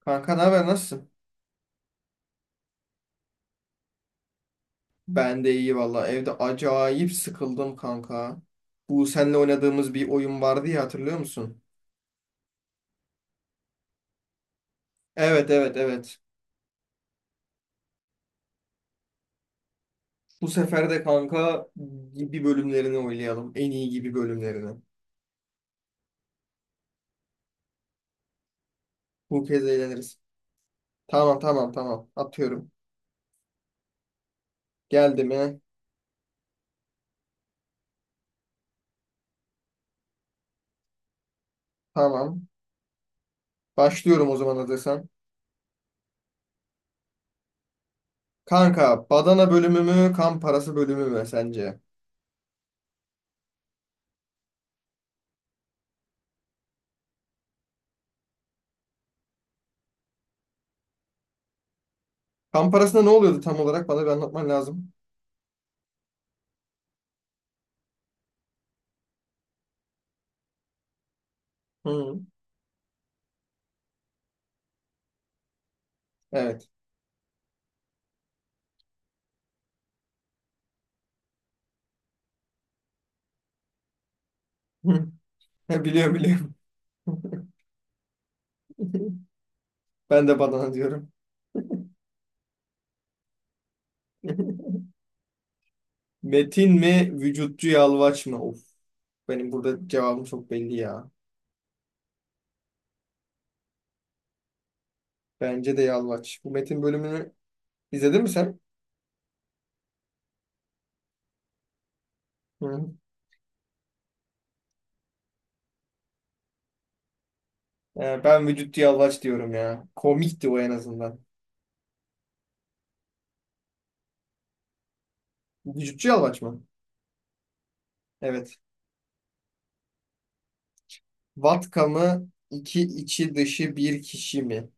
Kanka ne haber, nasılsın? Ben de iyi valla. Evde acayip sıkıldım kanka. Bu seninle oynadığımız bir oyun vardı ya, hatırlıyor musun? Evet, evet, evet. Bu sefer de kanka gibi bölümlerini oynayalım. En iyi gibi bölümlerini. Bu kez eğleniriz. Tamam, tamam, tamam. Atıyorum. Geldi mi? Tamam. Başlıyorum o zaman hazırsan. Kanka badana bölümü mü, kan parası bölümü mü sence? Kan parasında ne oluyordu tam olarak? Bana bir anlatman lazım. Hı. Evet. Hı. Biliyorum, biliyorum. Ben de badana diyorum. Metin mi, vücutçu yalvaç mı? Of, benim burada cevabım çok belli ya. Bence de yalvaç. Bu Metin bölümünü izledin mi sen? Hı hı. Ben vücutçu yalvaç diyorum ya. Komikti o en azından. Vücutçu yalvaç mı? Evet. Vatka mı, iki içi dışı bir kişi mi?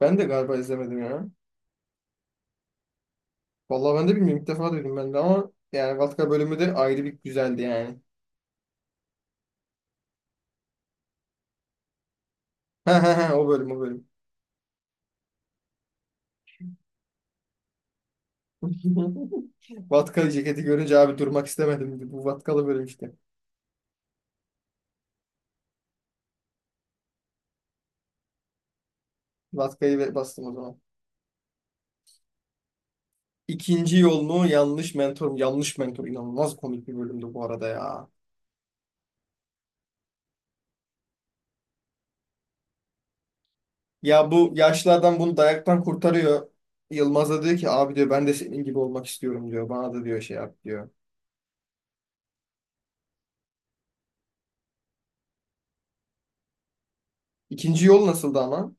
Ben de galiba izlemedim ya. Vallahi ben de bilmiyorum. İlk defa duydum ben de, ama yani Vatka bölümü de ayrı bir güzeldi yani. Ha ha ha, o bölüm o bölüm. Vatkalı ceketi görünce abi durmak istemedim, dedi. Bu vatkalı bölüm işte. Vatkayı bastım o zaman. İkinci yolunu yanlış mentor. Yanlış mentor inanılmaz komik bir bölümdü bu arada ya. Ya bu yaşlı adam bunu dayaktan kurtarıyor. Yılmaz da diyor ki abi diyor, ben de senin gibi olmak istiyorum diyor. Bana da diyor şey yap diyor. İkinci yol nasıldı ama?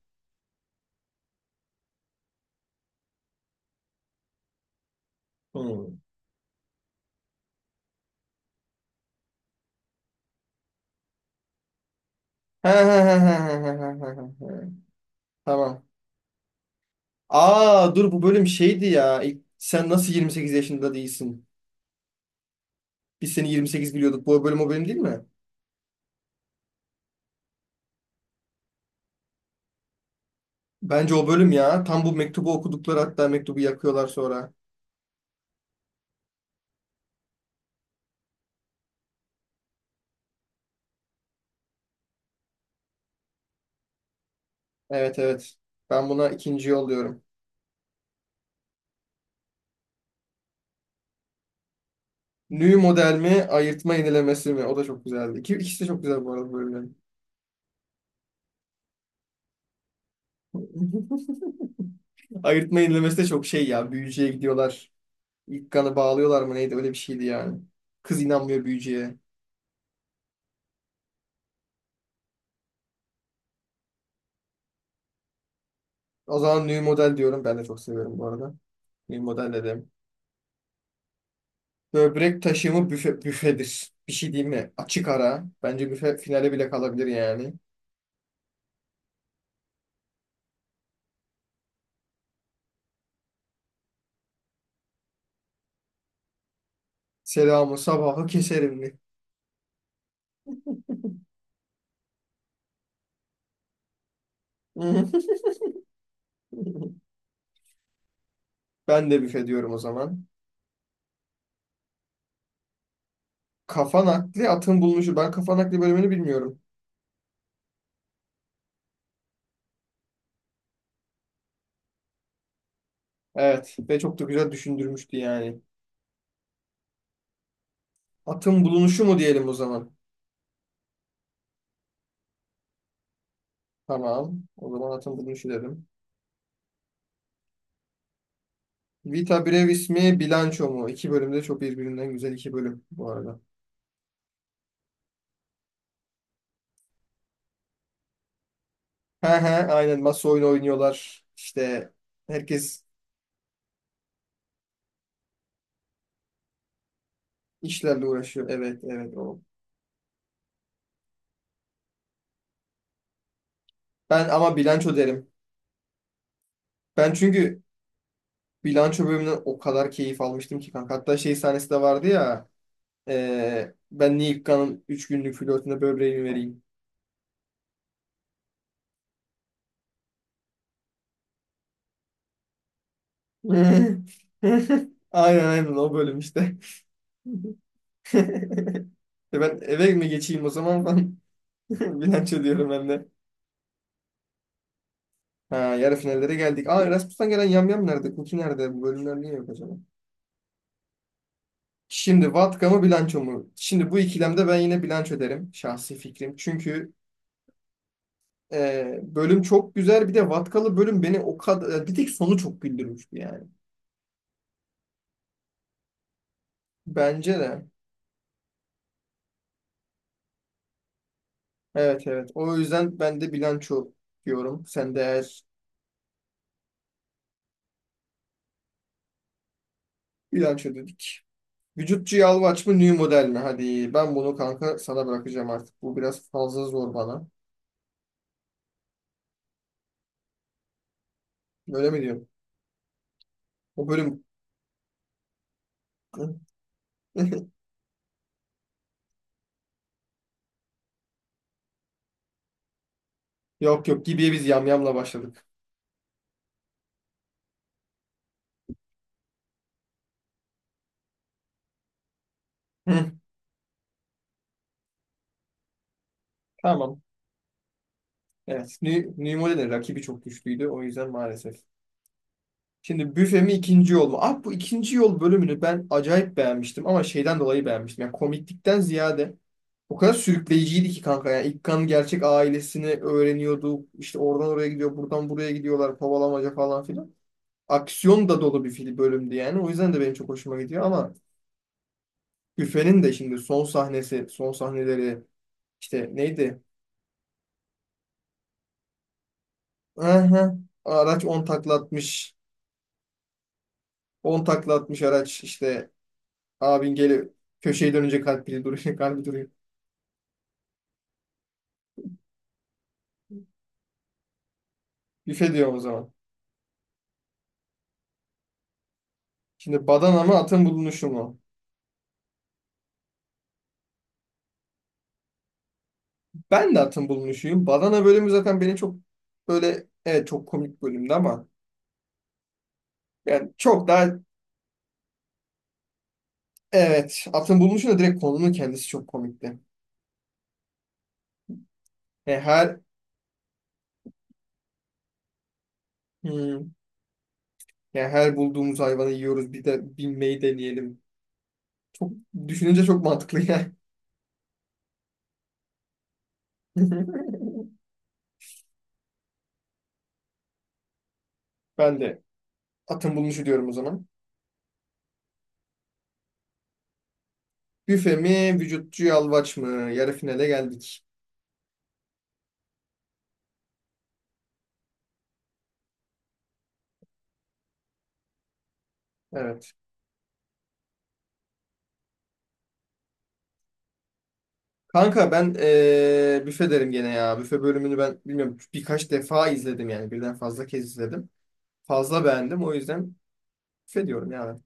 Hmm. He he he he he he he he he. Tamam. Aa dur, bu bölüm şeydi ya. Sen nasıl 28 yaşında değilsin? Biz seni 28 biliyorduk. Bu bölüm o bölüm değil mi? Bence o bölüm ya. Tam bu mektubu okudukları, hatta mektubu yakıyorlar sonra. Evet, evet. Ben buna ikinci yolluyorum. New model mi, ayırtma yenilemesi mi? O da çok güzeldi. İki, ikisi de çok güzel bu arada bölümlerin. Ayırtma yenilemesi de çok şey ya. Büyücüye gidiyorlar. İlk kanı bağlıyorlar mı neydi? Öyle bir şeydi yani. Kız inanmıyor büyücüye. O zaman new model diyorum. Ben de çok seviyorum bu arada. New model dedim. Böbrek taşımı büfe, büfedir. Bir şey diyeyim mi? Açık ara. Bence büfe finale bile kalabilir yani. Selamı sabahı keserim. Hı. Ben de büfe diyorum o zaman. Kafa nakli, atın bulunuşu. Ben kafa nakli bölümünü bilmiyorum. Evet ve çok da güzel düşündürmüştü yani. Atın bulunuşu mu diyelim o zaman? Tamam. O zaman atın bulunuşu dedim. Vita Brevis mi, Bilanço mu? İki bölümde çok birbirinden güzel iki bölüm bu arada. He he, aynen, masa oyunu oynuyorlar. İşte herkes işlerle uğraşıyor. Evet, evet, o. Ben ama Bilanço derim. Ben çünkü Bilanço bölümünden o kadar keyif almıştım ki kanka. Hatta şey sahnesi de vardı ya. Ben Neil Kaan'ın 3 günlük flörtüne böbreğimi vereyim. Aynen, aynen, o bölüm işte. E ben eve mi geçeyim o zaman falan. Bilanço diyorum ben de. Ha, yarı finallere geldik. Aa, Erasmus'tan gelen Yamyam nerede? Kuki nerede? Bu bölümler niye yok acaba? Şimdi Vatka mı, bilanço mu? Şimdi bu ikilemde ben yine bilanço derim. Şahsi fikrim. Çünkü e, bölüm çok güzel. Bir de Vatkalı bölüm beni o kadar... Bir tek sonu çok güldürmüştü yani. Bence de. Evet, evet. O yüzden ben de bilanço diyorum. Sen de eğer bilanço dedik. Vücutçu yağlı aç mı, new model mi? Hadi ben bunu kanka sana bırakacağım artık. Bu biraz fazla zor bana. Öyle mi diyorum? O bölüm... Yok, yok, gibiye biz yamyamla başladık. Hı. Tamam. Evet. New modelin rakibi çok güçlüydü. O yüzden maalesef. Şimdi büfe mi, ikinci yol mu? Ah, bu ikinci yol bölümünü ben acayip beğenmiştim. Ama şeyden dolayı beğenmiştim. Yani komiklikten ziyade o kadar sürükleyiciydi ki kanka, yani İlkan gerçek ailesini öğreniyorduk. İşte oradan oraya gidiyor, buradan buraya gidiyorlar, kovalamaca falan filan. Aksiyon da dolu bir film bölümdü yani. O yüzden de benim çok hoşuma gidiyor. Ama Büfe'nin de şimdi son sahnesi, son sahneleri işte neydi? Aha, araç 10 taklatmış. On taklatmış araç, işte abin geli, köşeye dönünce kalbi duruyor, kalbi duruyor. Büfe diyor o zaman. Şimdi badana mı, atın bulunuşu mu? Ben de atın bulunuşuyum. Badana bölümü zaten beni çok böyle, evet, çok komik bölümdü ama yani çok daha evet, atın bulunuşu da direkt konunun kendisi çok komikti. Yani her hmm, yani her bulduğumuz hayvanı yiyoruz, bir de binmeyi deneyelim. Düşününce çok mantıklı yani. Ben de atın bulunuşu diyorum o zaman. Büfe mi, vücutçu yalvaç mı? Yarı finale geldik. Evet. Kanka ben büfe derim gene ya. Büfe bölümünü ben bilmiyorum, birkaç defa izledim, yani birden fazla kez izledim. Fazla beğendim. O yüzden büfe diyorum yani.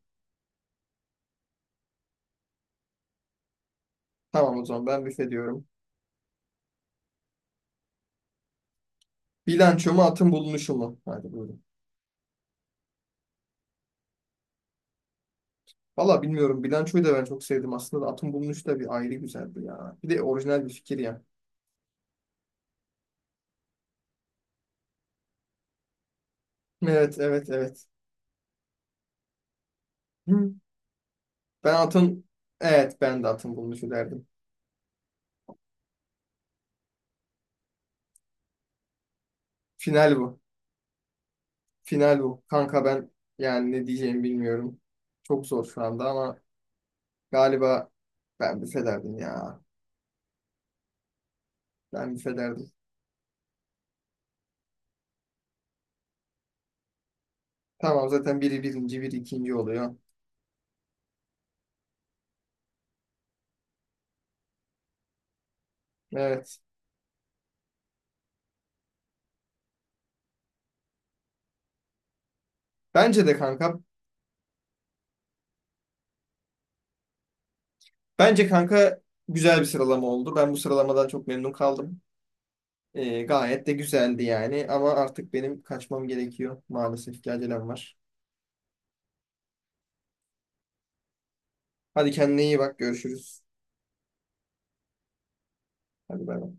Tamam, o zaman ben büfe diyorum. Bilanço mu, atın bulunuşu mu? Hadi buyurun. Valla bilmiyorum. Bilançoyu da ben çok sevdim. Aslında da atın bulunuşu da bir ayrı güzeldi ya. Bir de orijinal bir fikir ya. Evet, evet, evet. Hı. Ben atın... Evet, ben de atın bulunuşu derdim. Final bu. Final bu. Kanka ben yani ne diyeceğimi bilmiyorum. Çok zor şu anda ama galiba ben büfe derdim ya. Ben büfe derdim. Tamam, zaten biri birinci, biri ikinci oluyor. Evet. Bence de kanka, bence kanka güzel bir sıralama oldu. Ben bu sıralamadan çok memnun kaldım. Gayet de güzeldi yani. Ama artık benim kaçmam gerekiyor. Maalesef ki acelem var. Hadi kendine iyi bak. Görüşürüz. Hadi bay bay.